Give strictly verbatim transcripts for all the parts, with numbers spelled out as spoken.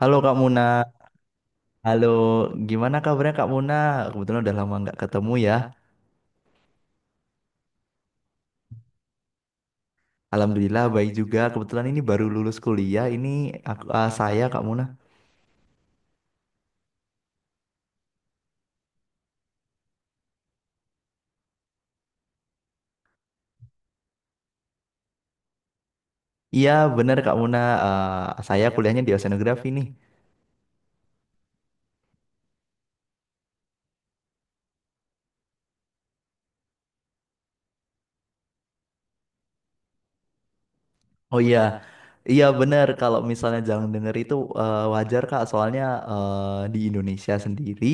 Halo Kak Muna, halo, gimana kabarnya Kak Muna? Kebetulan udah lama nggak ketemu ya. Alhamdulillah baik juga. Kebetulan ini baru lulus kuliah. Ini aku, ah, saya Kak Muna. Iya bener Kak Muna. Ah, saya kuliahnya di oceanografi nih. Oh iya, iya benar. Kalau misalnya jangan denger itu eh, wajar Kak. Soalnya eh, di Indonesia sendiri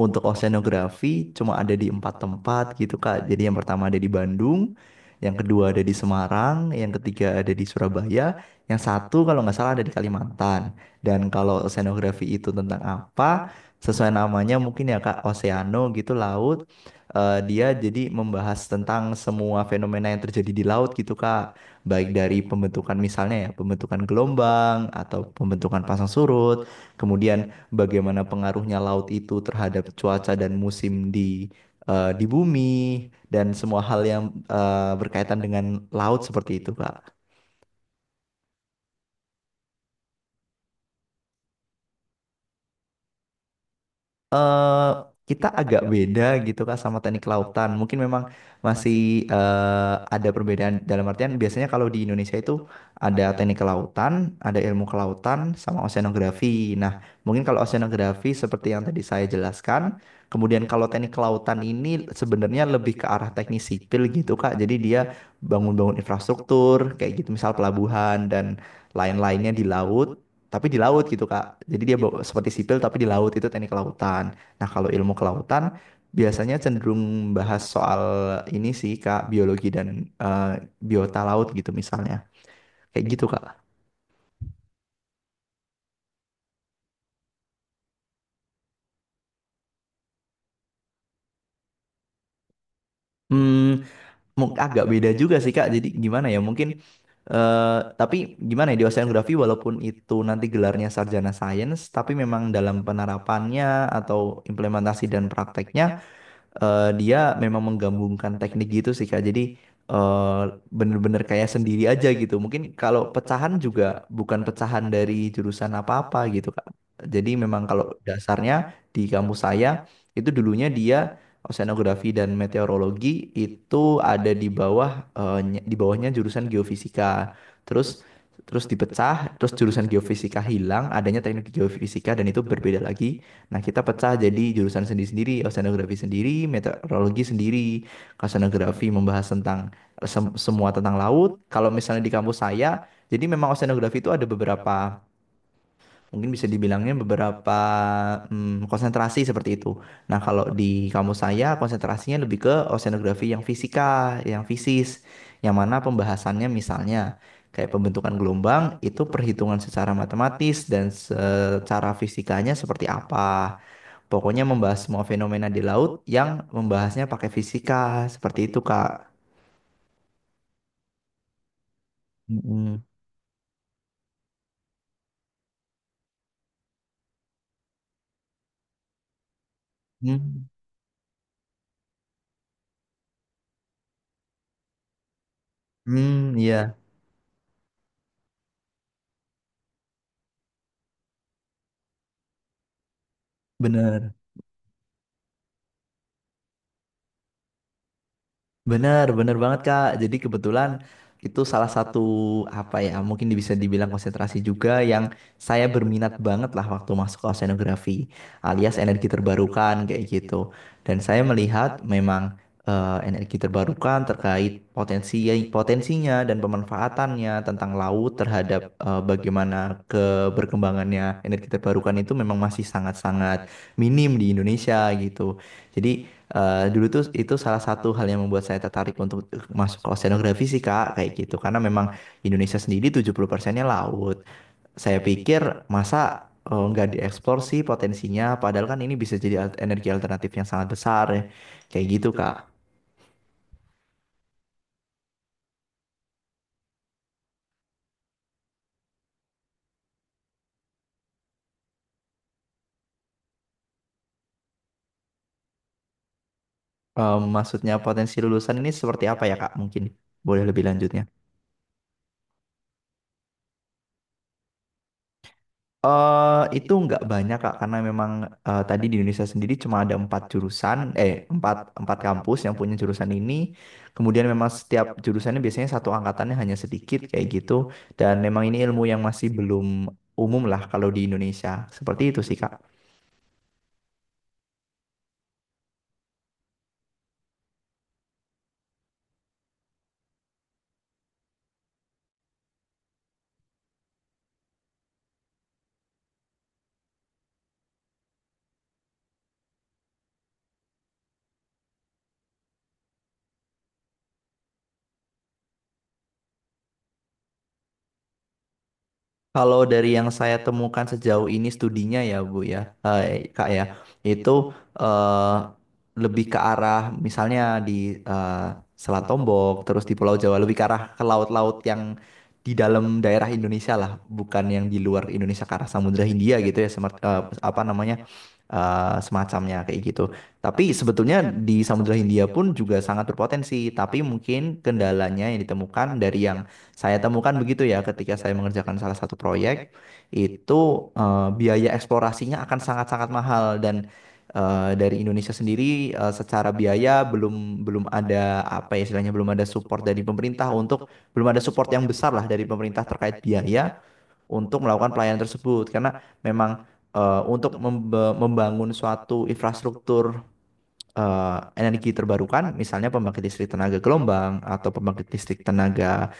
untuk oceanografi cuma ada di empat tempat gitu Kak. Jadi yang pertama ada di Bandung, yang kedua ada di Semarang, yang ketiga ada di Surabaya, yang satu kalau nggak salah ada di Kalimantan. Dan kalau oceanografi itu tentang apa? Sesuai namanya mungkin ya Kak, oceano gitu laut. Eh, dia jadi membahas tentang semua fenomena yang terjadi di laut gitu Kak, baik dari pembentukan misalnya ya, pembentukan gelombang atau pembentukan pasang surut, kemudian bagaimana pengaruhnya laut itu terhadap cuaca dan musim di eh, di bumi dan semua hal yang eh, berkaitan dengan laut seperti itu, Kak. eh Kita agak beda gitu Kak sama teknik lautan. Mungkin memang masih eh, ada perbedaan dalam artian biasanya kalau di Indonesia itu ada teknik kelautan, ada ilmu kelautan sama oceanografi. Nah, mungkin kalau oceanografi seperti yang tadi saya jelaskan, kemudian kalau teknik kelautan ini sebenarnya lebih ke arah teknik sipil gitu Kak. Jadi dia bangun-bangun infrastruktur kayak gitu misal pelabuhan dan lain-lainnya di laut, tapi di laut gitu Kak. Jadi dia bawa- seperti sipil tapi di laut itu teknik kelautan. Nah, kalau ilmu kelautan biasanya cenderung bahas soal ini sih Kak, biologi dan eh, biota laut gitu misalnya. Kayak gitu Kak. Hmm, mung- agak beda juga sih Kak. Jadi gimana ya? Mungkin eh tapi gimana ya, di oceanografi walaupun itu nanti gelarnya sarjana sains, tapi memang dalam penerapannya atau implementasi dan prakteknya eh, dia memang menggabungkan teknik gitu sih Kak. Jadi eh, bener-bener kayak sendiri aja gitu. Mungkin kalau pecahan juga bukan pecahan dari jurusan apa-apa gitu Kak. Jadi memang kalau dasarnya di kampus saya itu dulunya dia oceanografi dan meteorologi itu ada di bawah eh, ny- di bawahnya jurusan geofisika. Terus terus dipecah, terus jurusan geofisika hilang, adanya teknik geofisika dan itu berbeda lagi. Nah, kita pecah jadi jurusan sendiri-sendiri, oceanografi sendiri, meteorologi sendiri, oceanografi membahas tentang eh, sem- semua tentang laut. Kalau misalnya di kampus saya, jadi memang oceanografi itu ada beberapa, mungkin bisa dibilangnya beberapa mm, konsentrasi seperti itu. Nah, kalau di kampus saya, konsentrasinya lebih ke oceanografi yang fisika, yang fisis, yang mana pembahasannya misalnya kayak pembentukan gelombang, itu perhitungan secara matematis dan secara fisikanya seperti apa. Pokoknya membahas semua fenomena di laut yang membahasnya pakai fisika, seperti itu, Kak. Mm-mm. Hmm, hmm, iya, bener. Bener, bener banget Kak. Jadi kebetulan itu salah satu apa ya, mungkin bisa dibilang konsentrasi juga yang saya berminat banget lah waktu masuk ke oceanografi alias energi terbarukan kayak gitu. Dan saya melihat memang eh, energi terbarukan terkait potensi potensinya dan pemanfaatannya tentang laut terhadap eh, bagaimana keberkembangannya energi terbarukan itu memang masih sangat-sangat minim di Indonesia gitu. Jadi, Eh, dulu tuh itu salah satu hal yang membuat saya tertarik untuk masuk ke oceanografi sih Kak, kayak gitu. Karena memang Indonesia sendiri tujuh puluh persennya laut. Saya pikir masa eh, nggak dieksplor sih potensinya, padahal kan ini bisa jadi al- energi alternatif yang sangat besar ya. Kayak gitu Kak. Eh, maksudnya potensi lulusan ini seperti apa ya Kak? Mungkin boleh lebih lanjutnya. Eh, itu nggak banyak Kak, karena memang eh, tadi di Indonesia sendiri cuma ada empat jurusan, eh empat, empat kampus yang punya jurusan ini. Kemudian memang setiap jurusannya biasanya satu angkatannya hanya sedikit kayak gitu. Dan memang ini ilmu yang masih belum umum lah kalau di Indonesia. Seperti itu sih Kak. Kalau dari yang saya temukan sejauh ini studinya ya Bu ya, eh, Kak ya, itu eh, lebih ke arah misalnya di eh, Selat Lombok, terus di Pulau Jawa, lebih ke arah ke laut-laut yang di dalam daerah Indonesia lah, bukan yang di luar Indonesia ke arah Samudra Hindia gitu ya, semar- eh, apa namanya eh, semacamnya kayak gitu. Tapi sebetulnya di Samudra Hindia pun juga sangat berpotensi, tapi mungkin kendalanya yang ditemukan dari yang saya temukan begitu ya ketika saya mengerjakan salah satu proyek itu eh, biaya eksplorasinya akan sangat-sangat mahal dan eh, dari Indonesia sendiri eh, secara biaya belum belum ada apa ya istilahnya, belum ada support dari pemerintah untuk belum ada support yang besar lah dari pemerintah terkait biaya untuk melakukan pelayanan tersebut karena memang eh, untuk membe- membangun suatu infrastruktur eh, energi terbarukan misalnya pembangkit listrik tenaga gelombang atau pembangkit listrik tenaga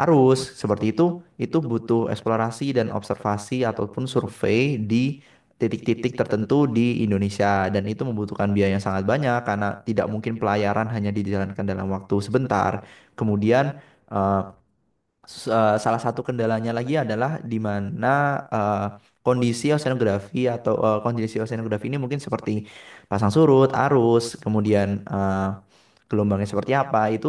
arus seperti itu itu butuh eksplorasi dan observasi ataupun survei di titik-titik tertentu di Indonesia dan itu membutuhkan biaya yang sangat banyak karena tidak mungkin pelayaran hanya dijalankan dalam waktu sebentar. Kemudian eh, s- eh, salah satu kendalanya lagi adalah di mana eh, kondisi oseanografi atau eh, kondisi oseanografi ini mungkin seperti pasang surut, arus, kemudian eh, gelombangnya seperti apa, itu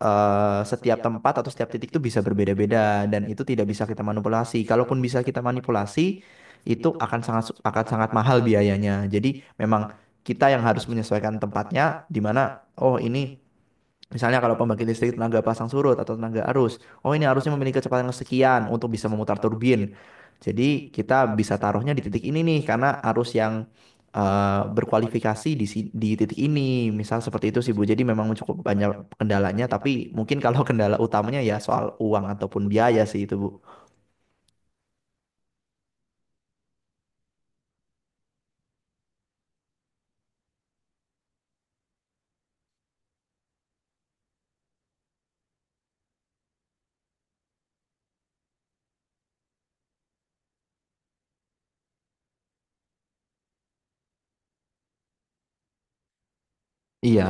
eh, setiap tempat atau setiap titik itu bisa berbeda-beda dan itu tidak bisa kita manipulasi. Kalaupun bisa kita manipulasi, itu akan sangat akan sangat mahal biayanya. Jadi memang kita yang harus menyesuaikan tempatnya di mana, oh ini, misalnya kalau pembangkit listrik tenaga pasang surut atau tenaga arus, oh ini arusnya memiliki kecepatan sekian untuk bisa memutar turbin. Jadi kita bisa taruhnya di titik ini nih karena arus yang eh, berkualifikasi di si- di titik ini. Misal seperti itu sih Bu. Jadi memang cukup banyak kendalanya, tapi mungkin kalau kendala utamanya ya soal uang ataupun biaya sih itu Bu. Iya,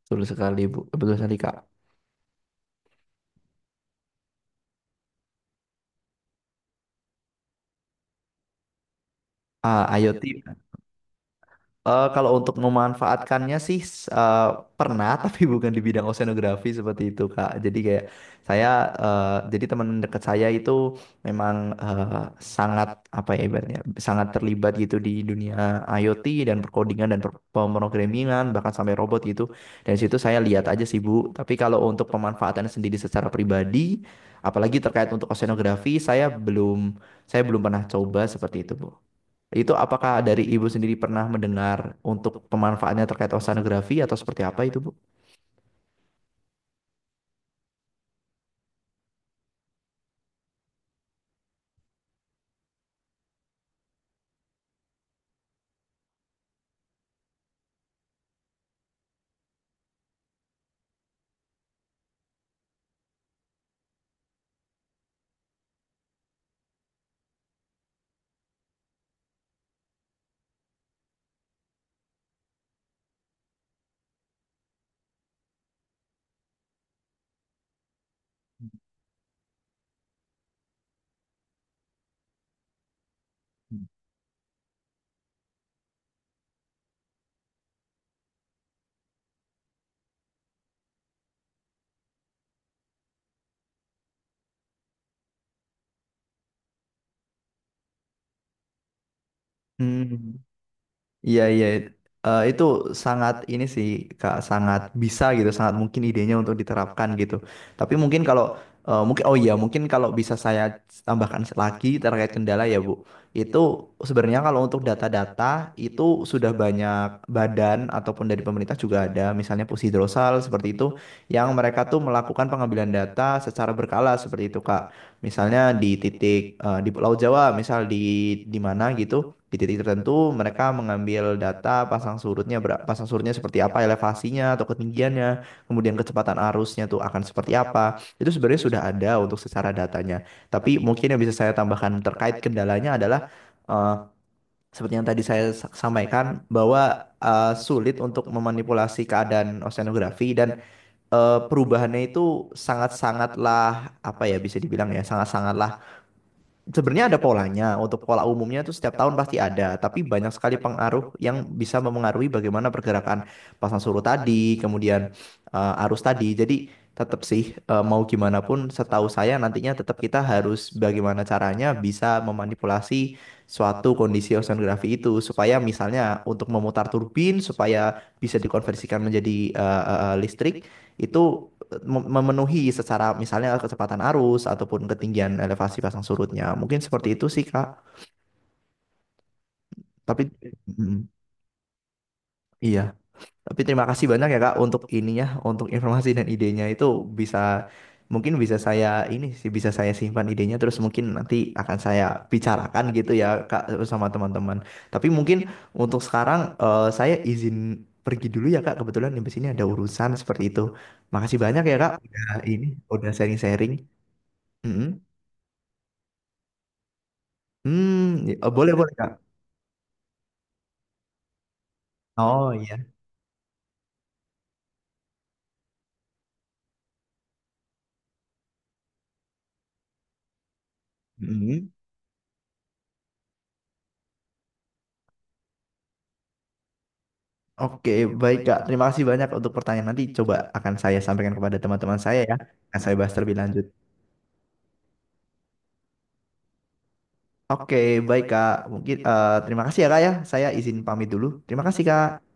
betul sekali Bu. Betul sekali Kak. Ah, IoT. Eh, kalau untuk memanfaatkannya sih s- eh, pernah tapi bukan di bidang oceanografi seperti itu Kak. Jadi kayak saya eh, jadi teman dekat saya itu memang eh, sangat apa ya ibaratnya sangat terlibat gitu di dunia IoT dan perkodingan dan per pemrogramingan bahkan sampai robot gitu. Dan situ saya lihat aja sih Bu. Tapi kalau untuk pemanfaatan sendiri secara pribadi apalagi terkait untuk oceanografi saya belum saya belum pernah coba seperti itu Bu. Itu apakah dari Ibu sendiri pernah mendengar untuk pemanfaatannya terkait oceanografi atau seperti apa itu, Bu? Hmm. Iya iya, Eh, itu sangat ini sih Kak, sangat bisa gitu, sangat mungkin idenya untuk diterapkan gitu. Tapi mungkin kalau eh, mungkin oh iya mungkin kalau bisa saya tambahkan lagi terkait kendala ya Bu. Itu sebenarnya kalau untuk data-data itu sudah banyak badan ataupun dari pemerintah juga ada misalnya Pusidrosal seperti itu yang mereka tuh melakukan pengambilan data secara berkala seperti itu Kak. Misalnya di titik eh, di Pulau Jawa misal di di mana gitu, di titik tertentu mereka mengambil data pasang surutnya ber- pasang surutnya seperti apa, elevasinya atau ketinggiannya kemudian kecepatan arusnya tuh akan seperti apa, itu sebenarnya sudah ada untuk secara datanya, tapi mungkin yang bisa saya tambahkan terkait kendalanya adalah eh, seperti yang tadi saya sa- sampaikan bahwa eh, sulit untuk memanipulasi keadaan oseanografi dan eh, perubahannya itu sangat-sangatlah apa ya bisa dibilang ya sangat-sangatlah. Sebenarnya ada polanya. Untuk pola umumnya itu setiap tahun pasti ada, tapi banyak sekali pengaruh yang bisa memengaruhi bagaimana pergerakan pasang surut tadi, kemudian eh, arus tadi. Jadi tetap sih eh, mau gimana pun setahu saya nantinya tetap kita harus bagaimana caranya bisa memanipulasi suatu kondisi oceanografi itu supaya misalnya untuk memutar turbin supaya bisa dikonversikan menjadi eh, eh, eh, listrik itu memenuhi secara misalnya kecepatan arus ataupun ketinggian elevasi pasang surutnya. Mungkin seperti itu sih, Kak. Tapi, Mm, iya, tapi terima kasih banyak ya, Kak, untuk ininya, untuk informasi dan idenya itu bisa, mungkin bisa saya ini sih, bisa saya simpan idenya terus mungkin nanti akan saya bicarakan gitu ya, Kak, sama teman-teman. Tapi mungkin untuk sekarang eh, saya izin pergi dulu ya, Kak. Kebetulan di sini ada urusan seperti itu. Makasih banyak ya, Kak. Udah ini, udah sharing-sharing. Mm-mm. Hmm, ya- oh, boleh boleh Kak. Oh iya. Mhm. Oke, baik Kak. Terima kasih banyak untuk pertanyaan, nanti coba akan saya sampaikan kepada teman-teman saya ya. Akan saya bahas terlebih lanjut. Oke, baik Kak. Mungkin eh, terima kasih ya Kak ya. Saya izin pamit dulu. Terima kasih Kak.